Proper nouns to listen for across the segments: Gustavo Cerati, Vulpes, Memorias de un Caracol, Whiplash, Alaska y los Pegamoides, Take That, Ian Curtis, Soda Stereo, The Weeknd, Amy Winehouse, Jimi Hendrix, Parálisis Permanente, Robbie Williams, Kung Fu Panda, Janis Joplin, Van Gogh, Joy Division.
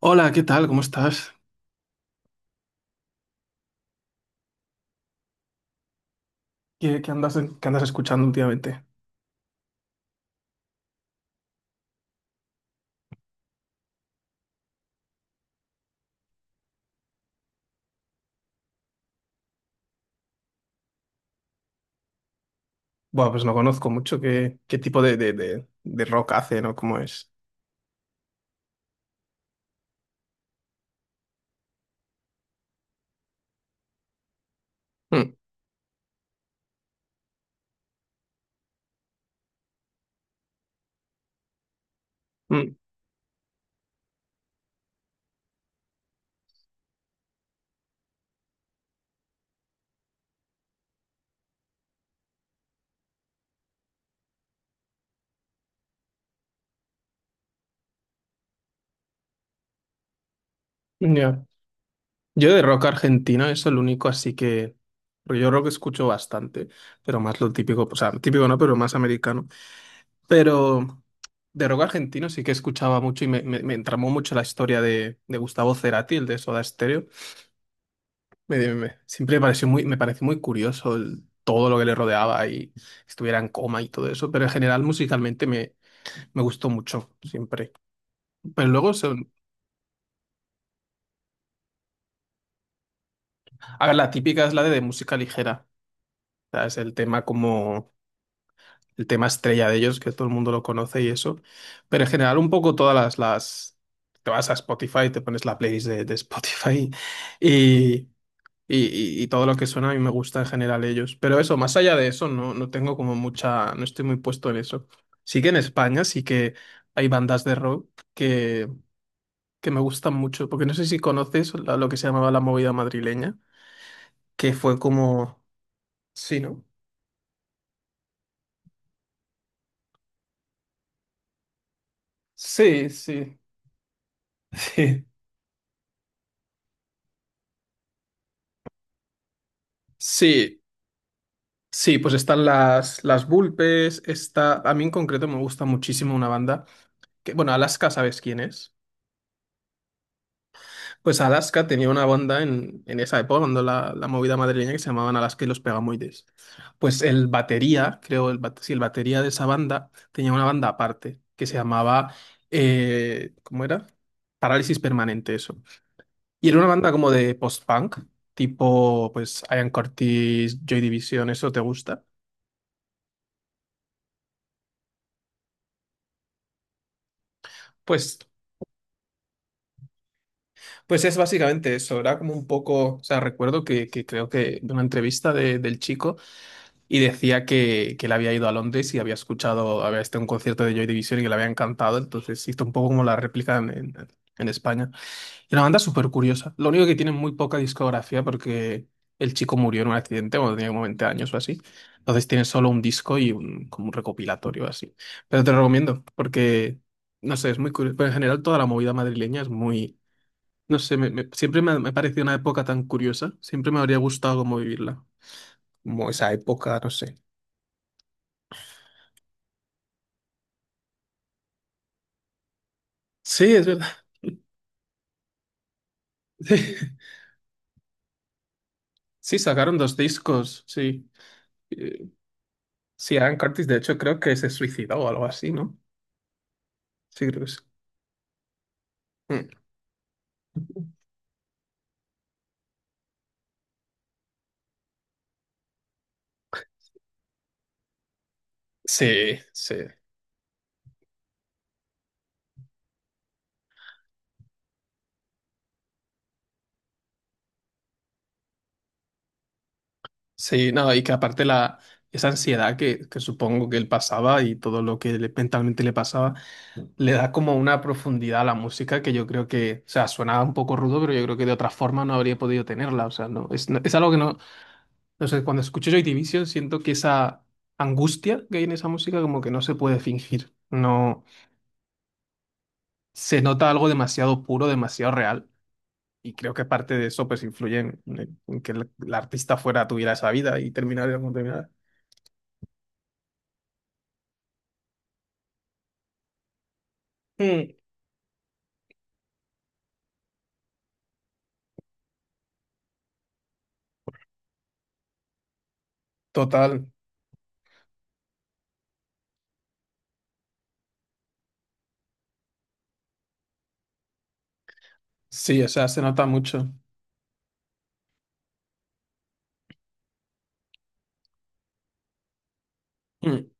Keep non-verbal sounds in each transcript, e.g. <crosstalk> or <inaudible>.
Hola, ¿qué tal? ¿Cómo estás? ¿¿Qué andas escuchando últimamente? Bueno, pues no conozco mucho qué tipo de rock hace, ¿no? ¿Cómo es? Mm, mm, ya. Yo de rock argentino, eso es lo único, así que... porque yo rock escucho bastante, pero más lo típico, o sea, típico no, pero más americano. Pero de rock argentino sí que escuchaba mucho y me entramó mucho la historia de Gustavo Cerati, el de Soda Stereo. Siempre me pareció muy curioso todo lo que le rodeaba y estuviera en coma y todo eso, pero en general musicalmente me gustó mucho, siempre. Pero luego son, a ver, la típica es la de música ligera, o sea, es el tema como el tema estrella de ellos, que todo el mundo lo conoce y eso, pero en general un poco todas las te vas a Spotify, te pones la playlist de Spotify y, Y, y todo lo que suena a mí me gusta en general ellos. Pero eso, más allá de eso, no, no tengo como mucha, no estoy muy puesto en eso. Sí que en España sí que hay bandas de rock que me gustan mucho, porque no sé si conoces lo que se llamaba la movida madrileña, que fue como... Sí, ¿no? Sí, sí. <laughs> Sí. Sí, sí, pues están las Vulpes, está... A mí en concreto me gusta muchísimo una banda que, bueno, Alaska, ¿sabes quién es? Pues Alaska tenía una banda en esa época, cuando la movida madrileña, que se llamaban Alaska y los Pegamoides. Pues el batería, creo, sí, el batería de esa banda tenía una banda aparte, que se llamaba, ¿cómo era? Parálisis Permanente, eso. Y era una banda como de post-punk, tipo, pues, Ian Curtis, Joy Division, ¿eso te gusta? Pues, pues es básicamente eso, era como un poco, o sea, recuerdo que creo que de una entrevista del chico y decía que él había ido a Londres y había escuchado, había estado en un concierto de Joy Division y que le había encantado, entonces hizo un poco como la réplica en España. Y una banda súper curiosa, lo único que tiene muy poca discografía porque el chico murió en un accidente cuando tenía como 20 años o así, entonces tiene solo un disco y un, como un recopilatorio así. Pero te lo recomiendo porque, no sé, es muy curioso, pero en general toda la movida madrileña es muy... No sé, siempre me ha parecido una época tan curiosa, siempre me habría gustado como vivirla, como esa época, no sé. Sí, es verdad. <laughs> Sí, sí, sacaron 2 discos, sí. Eh, sí, Aaron Curtis, de hecho, creo que se suicidó o algo así, ¿no? Sí, creo que sí. Mm. Sí, sí. Sí, no, y que aparte esa ansiedad que supongo que él pasaba y todo lo que mentalmente le pasaba, le da como una profundidad a la música que yo creo que, o sea, suena un poco rudo, pero yo creo que de otra forma no habría podido tenerla. O sea, no, es, es algo que no, no sé, cuando escucho Joy Division siento que esa angustia que hay en esa música como que no se puede fingir. No, se nota algo demasiado puro, demasiado real. Y creo que parte de eso pues influye en que el artista fuera tuviera esa vida y terminara como terminara. Mm. Total, sí, o sea, se nota mucho. Mm,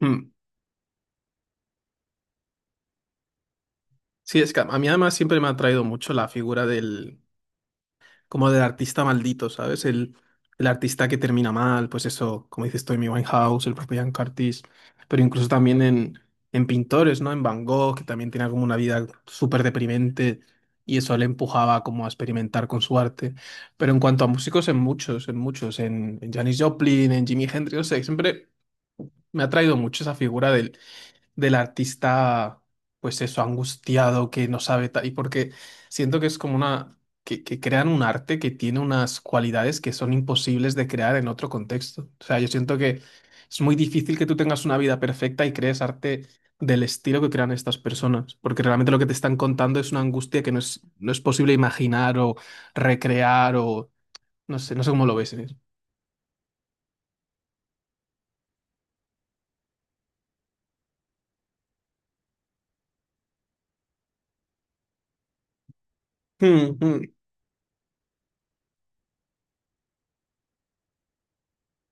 mm. Sí, es que a mí además siempre me ha atraído mucho la figura como del artista maldito, ¿sabes? El artista que termina mal, pues eso, como dices tú, Amy Winehouse, el propio Ian Curtis, pero incluso también en pintores, ¿no? En Van Gogh, que también tenía como una vida súper deprimente y eso le empujaba como a experimentar con su arte. Pero en cuanto a músicos, en Janis Joplin, en Jimi Hendrix, no sé, siempre me ha traído mucho esa figura del artista, pues eso, angustiado, que no sabe tal, y porque siento que es como una, que crean un arte que tiene unas cualidades que son imposibles de crear en otro contexto. O sea, yo siento que es muy difícil que tú tengas una vida perfecta y crees arte del estilo que crean estas personas, porque realmente lo que te están contando es una angustia que no es, no es posible imaginar o recrear o no sé, no sé cómo lo ves. ¿Eh? Mm, mm,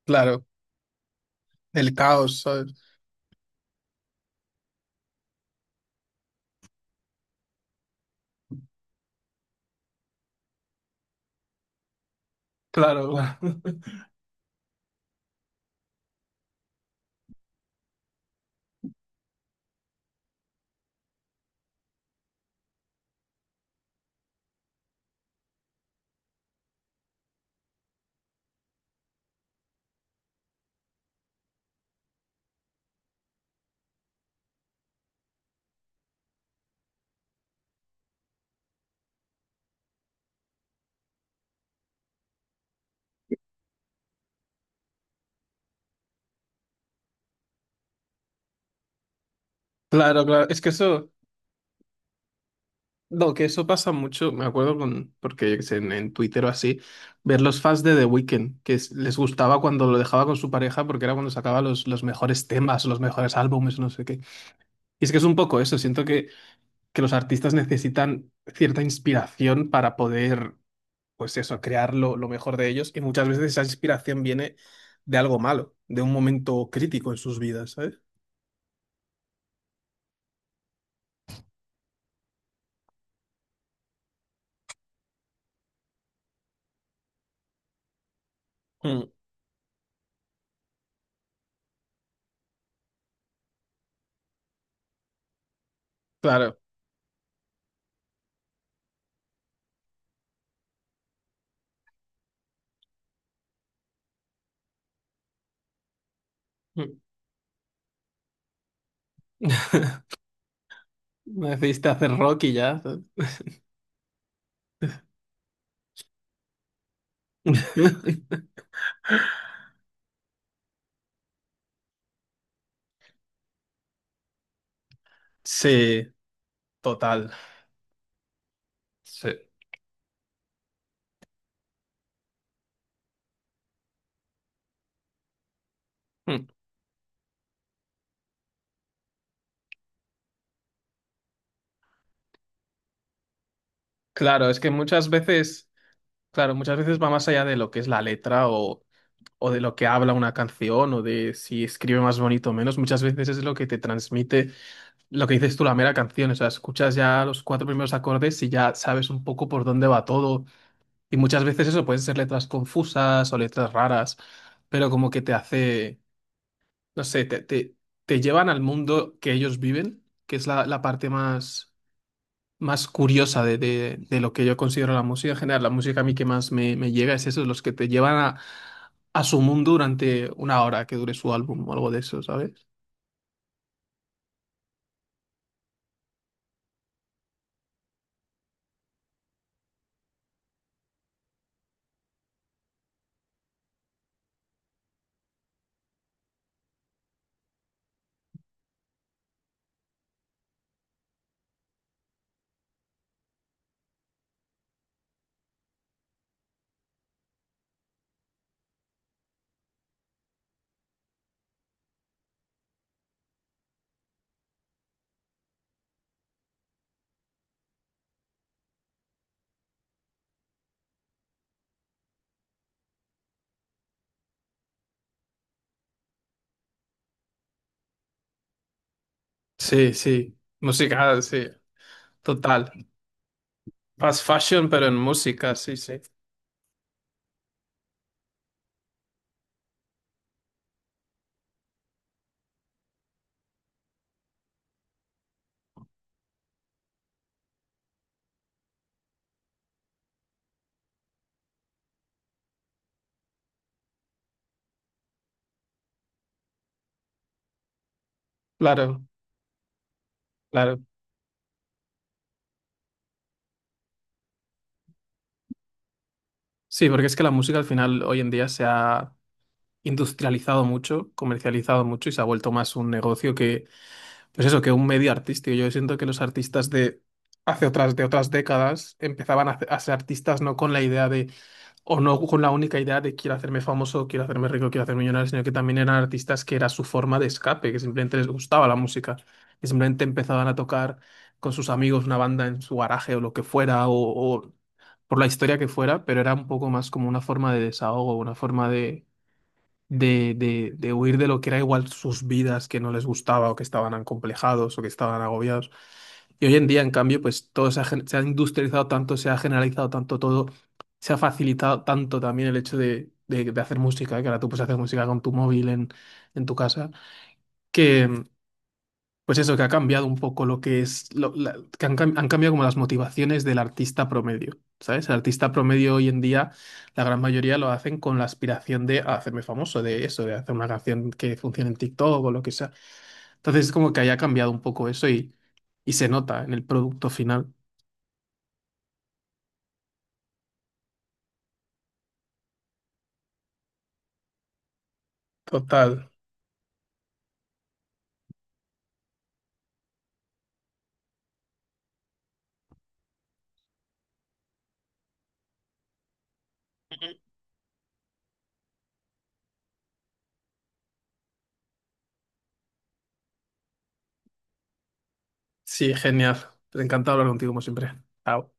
claro, el caos, ¿sabes? Claro, claro, <laughs> claro, claro. Es que eso... No, que eso pasa mucho, me acuerdo con, porque yo qué sé, en Twitter o así, ver los fans de The Weeknd, que les gustaba cuando lo dejaba con su pareja porque era cuando sacaba los mejores temas, los mejores álbumes, no sé qué. Y es que es un poco eso, siento que los artistas necesitan cierta inspiración para poder, pues eso, crear lo mejor de ellos y muchas veces esa inspiración viene de algo malo, de un momento crítico en sus vidas, ¿sabes? Mm, claro. Mm. <laughs> Decidiste hacer rock y ya. <laughs> Sí. Total. Sí. Mm. Claro, es que muchas veces, claro, muchas veces va más allá de lo que es la letra o de lo que habla una canción o de si escribe más bonito o menos. Muchas veces es lo que te transmite, lo que dices tú, la mera canción. O sea, escuchas ya los 4 primeros acordes y ya sabes un poco por dónde va todo. Y muchas veces eso pueden ser letras confusas o letras raras, pero como que te hace, no sé, te llevan al mundo que ellos viven, que es la parte más más curiosa de lo que yo considero la música en general. La música a mí que más me llega es eso, los que te llevan a su mundo durante una hora que dure su álbum o algo de eso, ¿sabes? Sí, sí, música, sí, total. Fast fashion, pero en música, sí, sí. Claro, claro. Sí, porque es que la música al final hoy en día se ha industrializado mucho, comercializado mucho y se ha vuelto más un negocio que, pues eso, que un medio artístico. Yo siento que los artistas de hace otras, de otras décadas empezaban a ser artistas no con la idea de, o no con la única idea de quiero hacerme famoso, quiero hacerme rico, quiero hacerme millonario, sino que también eran artistas que era su forma de escape, que simplemente les gustaba la música, que simplemente empezaban a tocar con sus amigos una banda en su garaje o lo que fuera, o por la historia que fuera, pero era un poco más como una forma de desahogo, una forma de de huir de lo que era igual sus vidas que no les gustaba o que estaban acomplejados o que estaban agobiados. Y hoy en día, en cambio, pues todo se ha, se ha industrializado tanto, se ha generalizado tanto todo, se ha facilitado tanto también el hecho de hacer música, que ahora tú puedes hacer música con tu móvil en tu casa, pues eso, que ha cambiado un poco lo que es, que han, han cambiado como las motivaciones del artista promedio, ¿sabes? El artista promedio hoy en día, la gran mayoría lo hacen con la aspiración de hacerme famoso, de eso, de hacer una canción que funcione en TikTok o lo que sea. Entonces es como que haya cambiado un poco eso y se nota en el producto final. Total. Sí, genial. Encantado de hablar contigo como siempre. Chao.